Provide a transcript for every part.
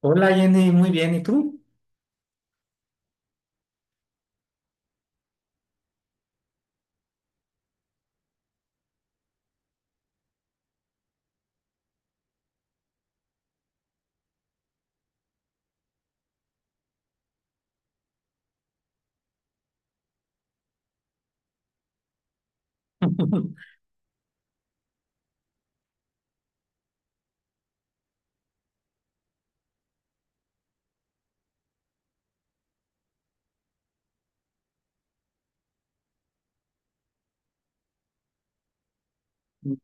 Hola Jenny, muy bien, ¿y tú?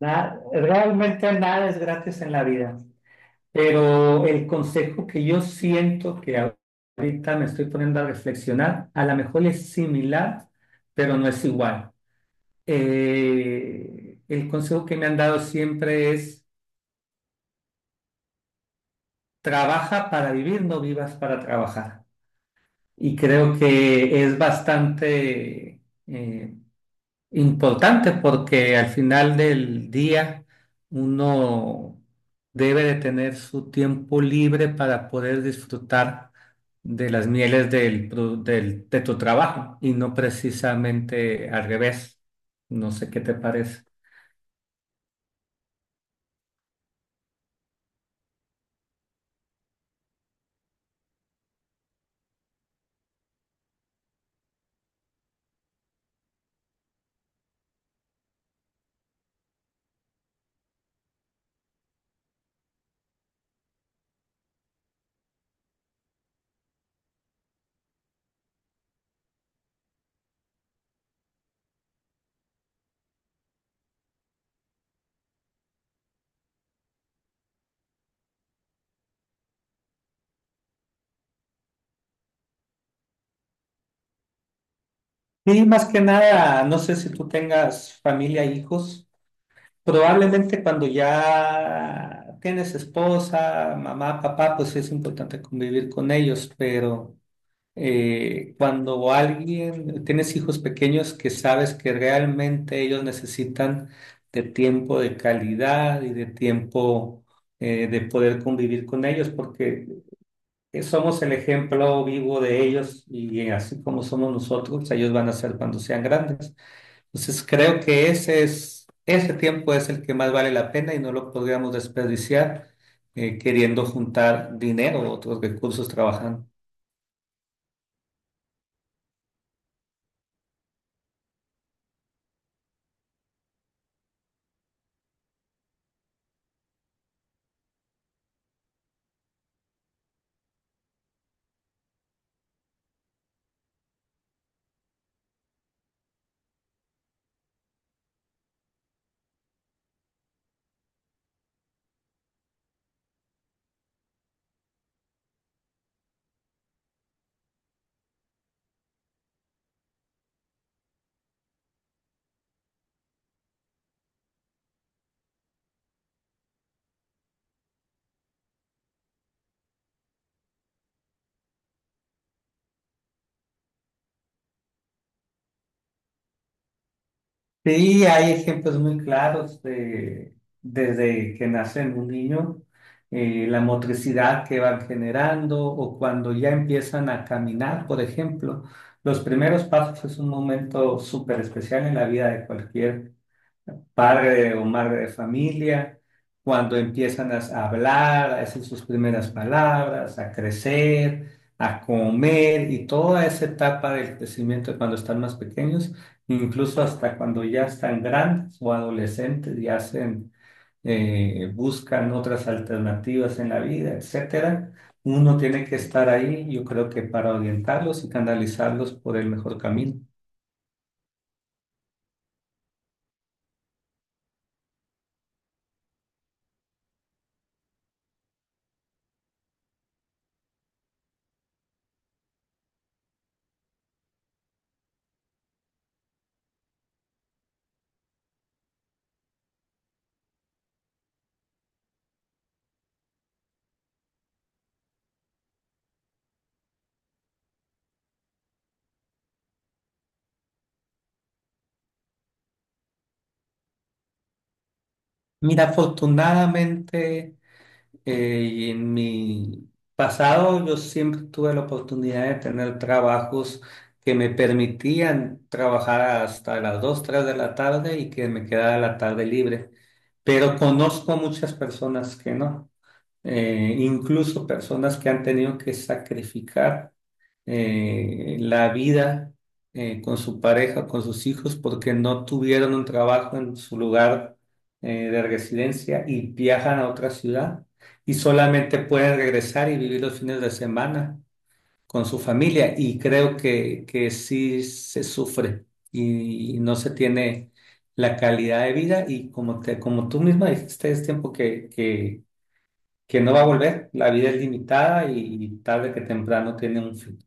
Realmente nada es gratis en la vida, pero el consejo que yo siento que ahorita me estoy poniendo a reflexionar, a lo mejor es similar, pero no es igual. El consejo que me han dado siempre es, trabaja para vivir, no vivas para trabajar. Y creo que es bastante eh, importante porque al final del día uno debe de tener su tiempo libre para poder disfrutar de las mieles de tu trabajo y no precisamente al revés. No sé qué te parece. Y más que nada, no sé si tú tengas familia, hijos. Probablemente cuando ya tienes esposa, mamá, papá, pues sí es importante convivir con ellos, pero cuando alguien tienes hijos pequeños que sabes que realmente ellos necesitan de tiempo de calidad y de tiempo de poder convivir con ellos, porque somos el ejemplo vivo de ellos y así como somos nosotros, ellos van a ser cuando sean grandes. Entonces creo que ese tiempo es el que más vale la pena y no lo podríamos desperdiciar queriendo juntar dinero o otros recursos trabajando. Sí, hay ejemplos muy claros de, desde que nacen un niño, la motricidad que van generando o cuando ya empiezan a caminar, por ejemplo. Los primeros pasos es un momento súper especial en la vida de cualquier padre o madre de familia, cuando empiezan a hablar, a decir sus primeras palabras, a crecer, a comer y toda esa etapa del crecimiento cuando están más pequeños, incluso hasta cuando ya están grandes o adolescentes y hacen, buscan otras alternativas en la vida, etcétera. Uno tiene que estar ahí, yo creo que para orientarlos y canalizarlos por el mejor camino. Mira, afortunadamente, y en mi pasado yo siempre tuve la oportunidad de tener trabajos que me permitían trabajar hasta las 2 3 de la tarde y que me quedara la tarde libre. Pero conozco muchas personas que no, incluso personas que han tenido que sacrificar la vida con su pareja, con sus hijos, porque no tuvieron un trabajo en su lugar de residencia y viajan a otra ciudad y solamente pueden regresar y vivir los fines de semana con su familia. Y creo que sí se sufre y no se tiene la calidad de vida y como, te, como tú misma dijiste, es tiempo que no va a volver, la vida es limitada y tarde que temprano tiene un fin.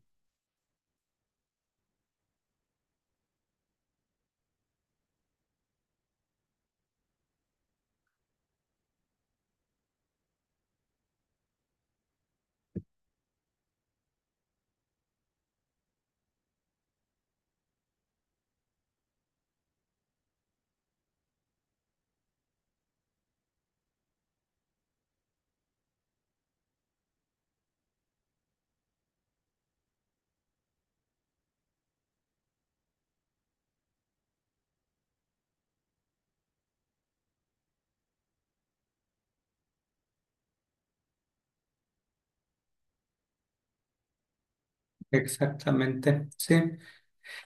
Exactamente, sí.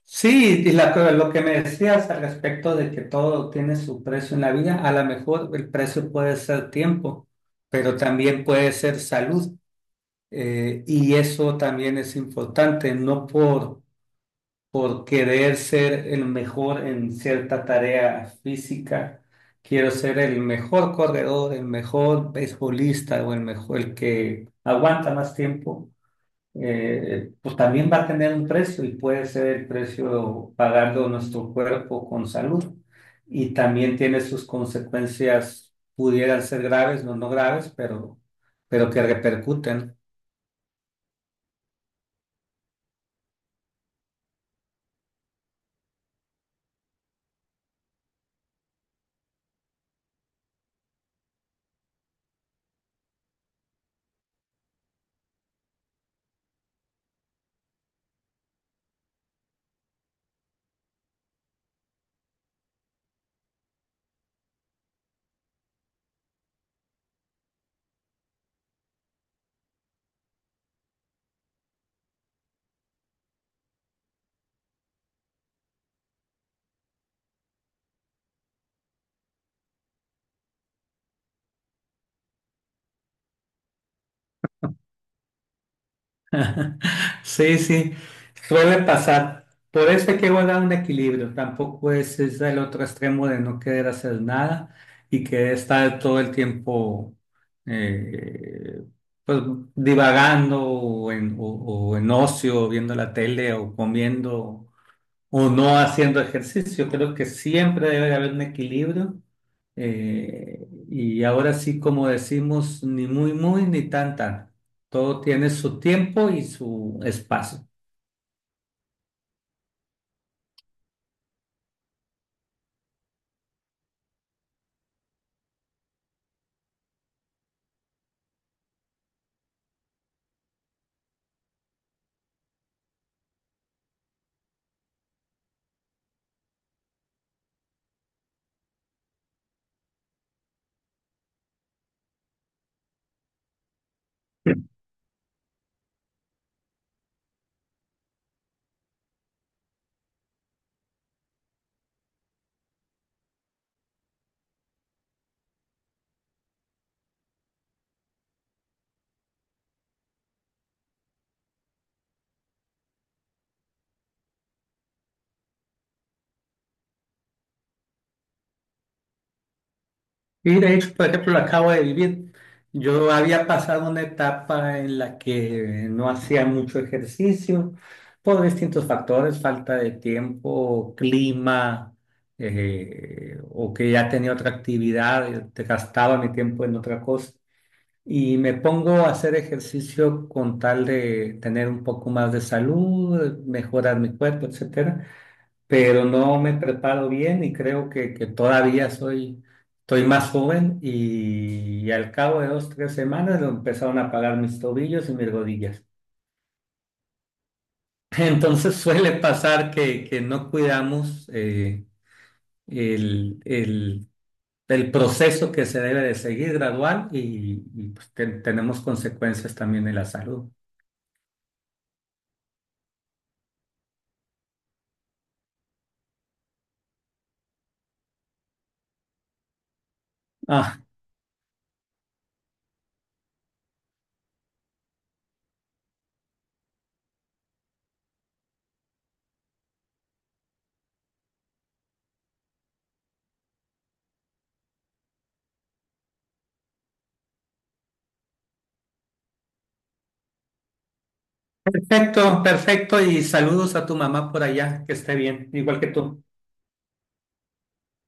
Sí, y la lo que me decías al respecto de que todo tiene su precio en la vida, a lo mejor el precio puede ser tiempo, pero también puede ser salud. Y eso también es importante, no por, por querer ser el mejor en cierta tarea física, quiero ser el mejor corredor, el mejor beisbolista o el mejor, el que aguanta más tiempo. Pues también va a tener un precio y puede ser el precio pagando nuestro cuerpo con salud. Y también tiene sus consecuencias, pudieran ser graves, no, no graves, pero que repercuten. Sí, sí, suele pasar. Por eso hay que guardar un equilibrio. Tampoco es el otro extremo de no querer hacer nada y querer estar todo el tiempo eh, pues, divagando o en ocio, viendo la tele o comiendo o no haciendo ejercicio. Creo que siempre debe haber un equilibrio. Y ahora sí, como decimos, ni muy, muy, ni tan, tan. Todo tiene su tiempo y su espacio. Y de hecho, por ejemplo, lo acabo de vivir. Yo había pasado una etapa en la que no hacía mucho ejercicio por distintos factores, falta de tiempo, clima, o que ya tenía otra actividad, te gastaba mi tiempo en otra cosa. Y me pongo a hacer ejercicio con tal de tener un poco más de salud, mejorar mi cuerpo, etcétera, pero no me preparo bien y creo que todavía soy, estoy más joven y, al cabo de dos, tres semanas lo empezaron a pagar mis tobillos y mis rodillas. Entonces suele pasar que no cuidamos el, el- el proceso que se debe de seguir gradual y, pues, tenemos consecuencias también en la salud. Ah, perfecto, perfecto. Y saludos a tu mamá por allá, que esté bien, igual que tú.